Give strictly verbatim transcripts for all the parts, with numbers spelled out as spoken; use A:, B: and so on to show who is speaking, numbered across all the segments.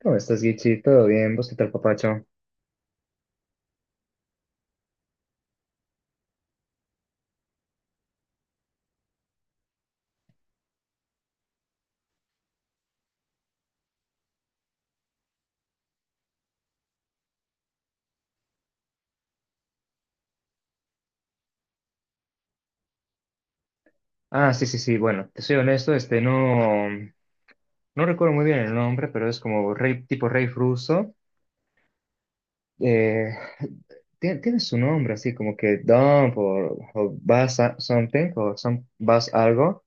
A: ¿Cómo estás, Gichi? ¿Todo bien? ¿Vos qué tal, papacho? Ah, sí, sí, sí. Bueno, te soy honesto, este, no, no recuerdo muy bien el nombre, pero es como rey, tipo rey ruso. Eh, tie- tiene su nombre así como que Dump o, o Buzz a- Something o some, Buzz algo.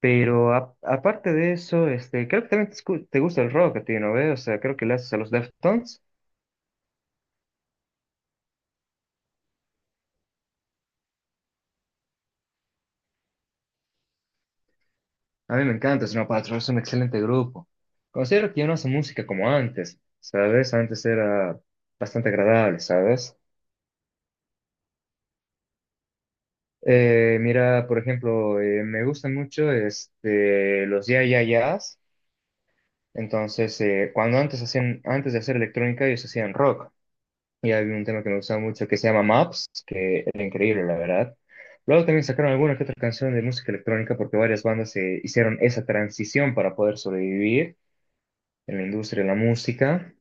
A: Pero a- aparte de eso, este, creo que también te, escu- te gusta el rock a ti, ¿no ves? O sea, creo que le haces a los Deftones. A mí me encanta Snow Patrol, es un excelente grupo. Considero que ya no hace música como antes, ¿sabes? Antes era bastante agradable, ¿sabes? Eh, mira, por ejemplo, eh, me gustan mucho este, los Ya Ya Yeahs. Entonces, eh, cuando antes hacían, antes de hacer electrónica, ellos hacían rock. Y había un tema que me gustaba mucho que se llama Maps, que era increíble, la verdad. Luego también sacaron alguna que otra canción de música electrónica porque varias bandas eh, hicieron esa transición para poder sobrevivir en la industria de la música.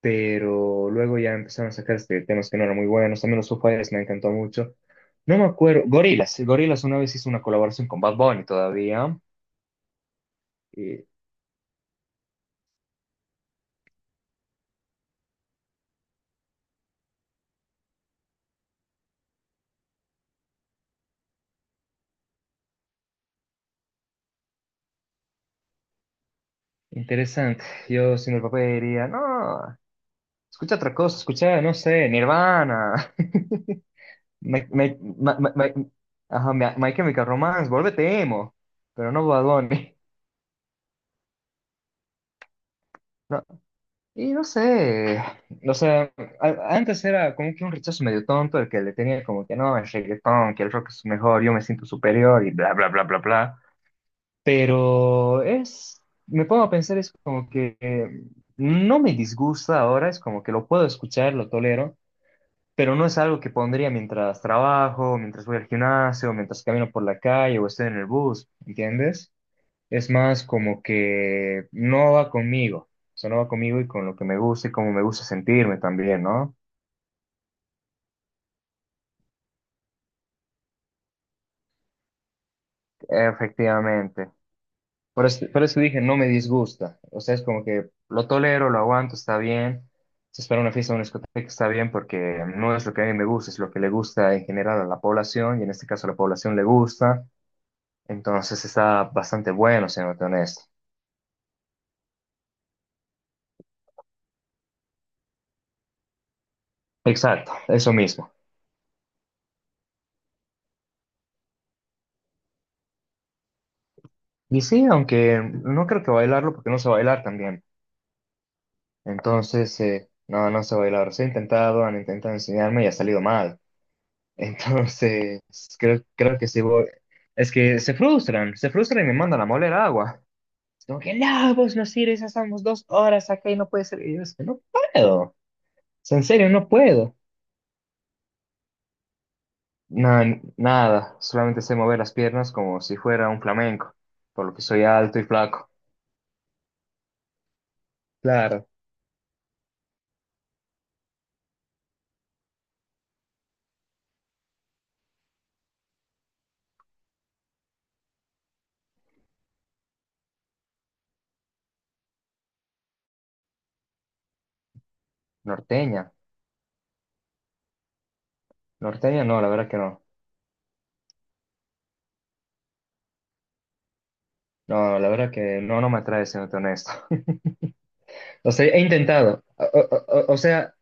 A: Pero luego ya empezaron a sacar este, temas que no eran muy buenos. También los Foo Fighters me encantó mucho. No me acuerdo. Gorillaz. Gorillaz una vez hizo una colaboración con Bad Bunny todavía. Eh, Interesante. Yo siendo el papá diría, no, escucha otra cosa, escucha, no sé, Nirvana. My, My- My- My- My- ajá, My, My Chemical Romance, vuélvete emo. Pero no Bad Bunny. Y no sé, o sea, a- antes era como que un rechazo medio tonto el que le tenía como que no, el reggaetón, que el rock es mejor, yo me siento superior y bla, bla, bla, bla, bla. Pero es, me pongo a pensar, es como que eh, no me disgusta ahora, es como que lo puedo escuchar, lo tolero, pero no es algo que pondría mientras trabajo, mientras voy al gimnasio, mientras camino por la calle o estoy en el bus, ¿entiendes? Es más como que no va conmigo, eso no va conmigo y con lo que me gusta y cómo me gusta sentirme también, ¿no? Efectivamente. Por eso, por eso dije, no me disgusta. O sea, es como que lo tolero, lo aguanto, está bien. Si es para una fiesta o una discoteca, está bien porque no es lo que a mí me gusta, es lo que le gusta en general a la población y en este caso a la población le gusta. Entonces está bastante bueno, siéndote honesto. Exacto, eso mismo. Y sí, aunque no creo que bailarlo porque no sé bailar también. Entonces, eh, no, no sé bailar. Sí he intentado, han intentado enseñarme y ha salido mal. Entonces, creo, creo que sí voy. Es que se frustran, se frustran y me mandan a moler agua. Es como que, no, vos no sirves, ya estamos dos horas acá y no puede ser. Y yo, es que no puedo. O sea, en serio, no puedo. No, n- nada, solamente sé mover las piernas como si fuera un flamenco, por lo que soy alto y flaco. Claro. Norteña. Norteña, no, la verdad que no. No, la verdad que no, no me atrae, siendo honesto. O sea, he intentado. O, o- o- o sea,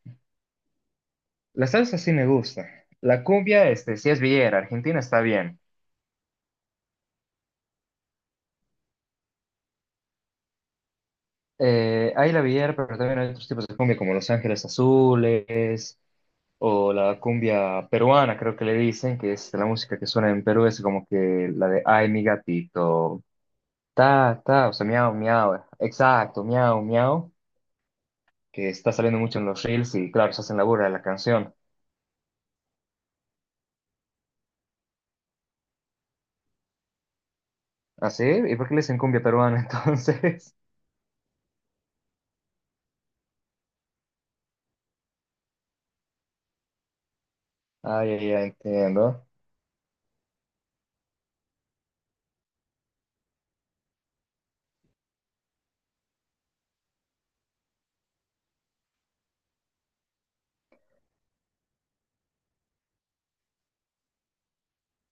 A: la salsa sí me gusta. La cumbia, este, sí es villera. Argentina está bien. Eh, hay la villera, pero también hay otros tipos de cumbia como Los Ángeles Azules o la cumbia peruana, creo que le dicen, que es la música que suena en Perú, es como que la de Ay, mi gatito, ta, ta, o sea, miau, miau, exacto, miau, miau, que está saliendo mucho en los reels y claro, se hacen la burla de la canción. ¿Ah, sí? ¿Y por qué le dicen cumbia peruana entonces? Ay, ya ay, entiendo.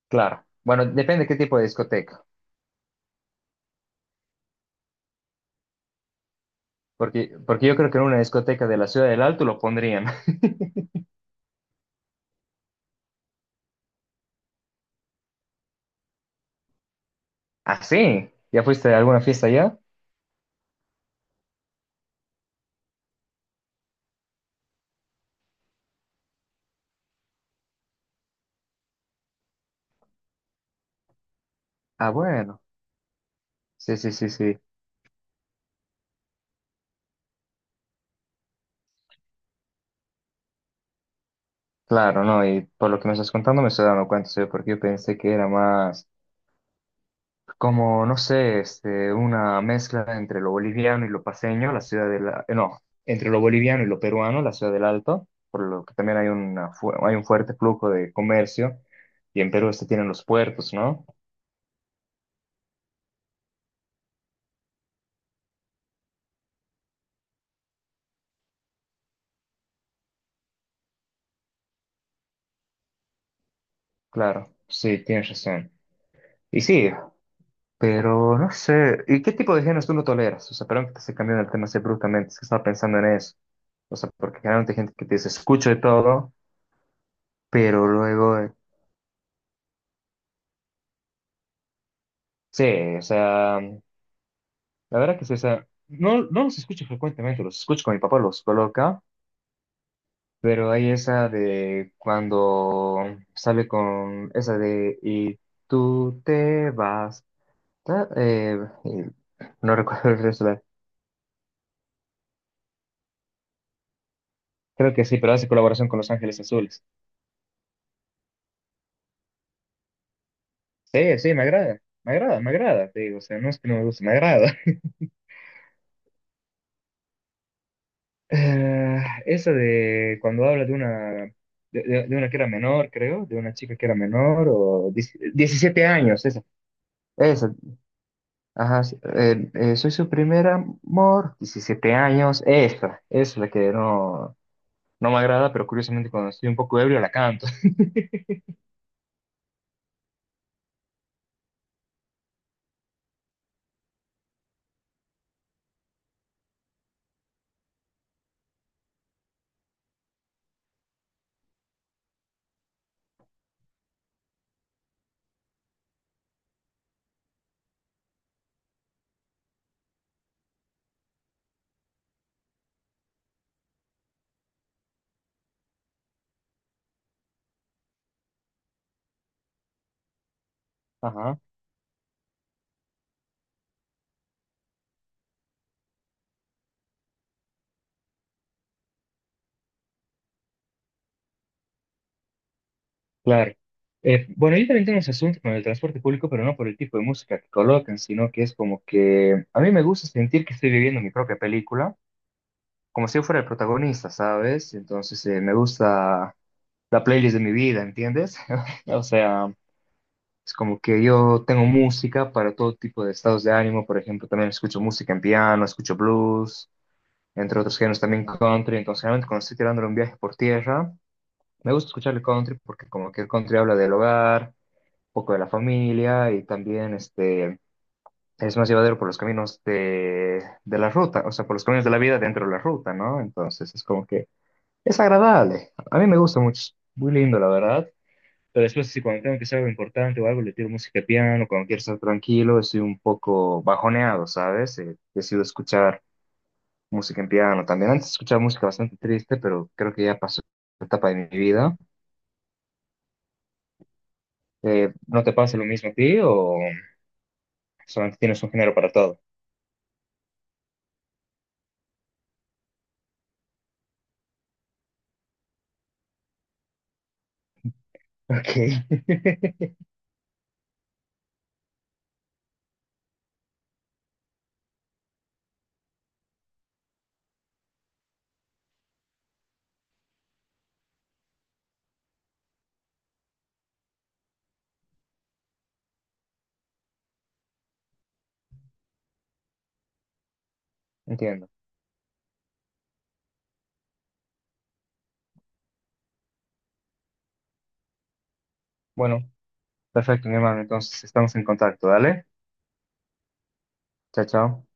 A: Claro. Bueno, depende qué tipo de discoteca. Porque, porque yo creo que en una discoteca de la Ciudad del Alto lo pondrían. Ah, sí. ¿Ya fuiste a alguna fiesta allá? Ah, bueno. Sí, sí, sí, sí. Claro, no. Y por lo que me estás contando me estoy dando cuenta, ¿sí? Porque yo pensé que era más como, no sé, este, una mezcla entre lo boliviano y lo paseño, la Ciudad del, la... eh, no, entre lo boliviano y lo peruano, la Ciudad del Alto. Por lo que también hay, una, fu- hay un fuerte flujo de comercio. Y en Perú este tienen los puertos, ¿no? Claro. Sí, tienes razón. Y sí, pero no sé. ¿Y qué tipo de géneros tú no toleras? O sea, perdón que te esté cambiando el tema así bruscamente, es que estaba pensando en eso. O sea, porque generalmente hay gente que te dice, escucho de todo, pero luego. eh, Sí, o sea, la verdad que sí, o sea, no, no los escucho frecuentemente, los escucho con mi papá, los coloca, pero hay esa de cuando sale con esa de y tú te vas. ta- eh, y no recuerdo el resto, de la- creo que sí, pero hace colaboración con Los Ángeles Azules. Sí, sí, me agrada, me agrada, me agrada, te digo, o sea, no es que no me guste, me agrada. Eh, esa de cuando habla de una, de, de- de una que era menor, creo, de una chica que era menor, o dieci- diecisiete años, esa, esa, ajá, sí, eh, eh, soy su primer amor, diecisiete años, esa, esa es la que no, no, me agrada, pero curiosamente cuando estoy un poco ebrio la canto, ajá. Claro. Eh, bueno, yo también tengo ese asunto con el transporte público, pero no por el tipo de música que colocan, sino que es como que a mí me gusta sentir que estoy viviendo mi propia película, como si yo fuera el protagonista, ¿sabes? Entonces eh, me gusta la playlist de mi vida, ¿entiendes? O sea, es como que yo tengo música para todo tipo de estados de ánimo, por ejemplo, también escucho música en piano, escucho blues, entre otros géneros también country, entonces generalmente cuando estoy tirándole un viaje por tierra, me gusta escuchar el country porque como que el country habla del hogar poco de la familia y también este, es más llevadero por los caminos de, de la ruta, o sea, por los caminos de la vida dentro de la ruta, ¿no? Entonces es como que es agradable. A mí me gusta mucho, es muy lindo, la verdad. Pero después, si cuando tengo que hacer algo importante o algo, le tiro música de piano, cuando quiero estar tranquilo, estoy un poco bajoneado, ¿sabes? Eh, decido escuchar música en piano también. Antes escuchaba música bastante triste, pero creo que ya pasó la etapa de mi vida. Eh, ¿no te pasa lo mismo a ti o solamente tienes un género para todo? Ok, entiendo. Bueno, perfecto, mi hermano. Entonces estamos en contacto, ¿dale? Chao, chao.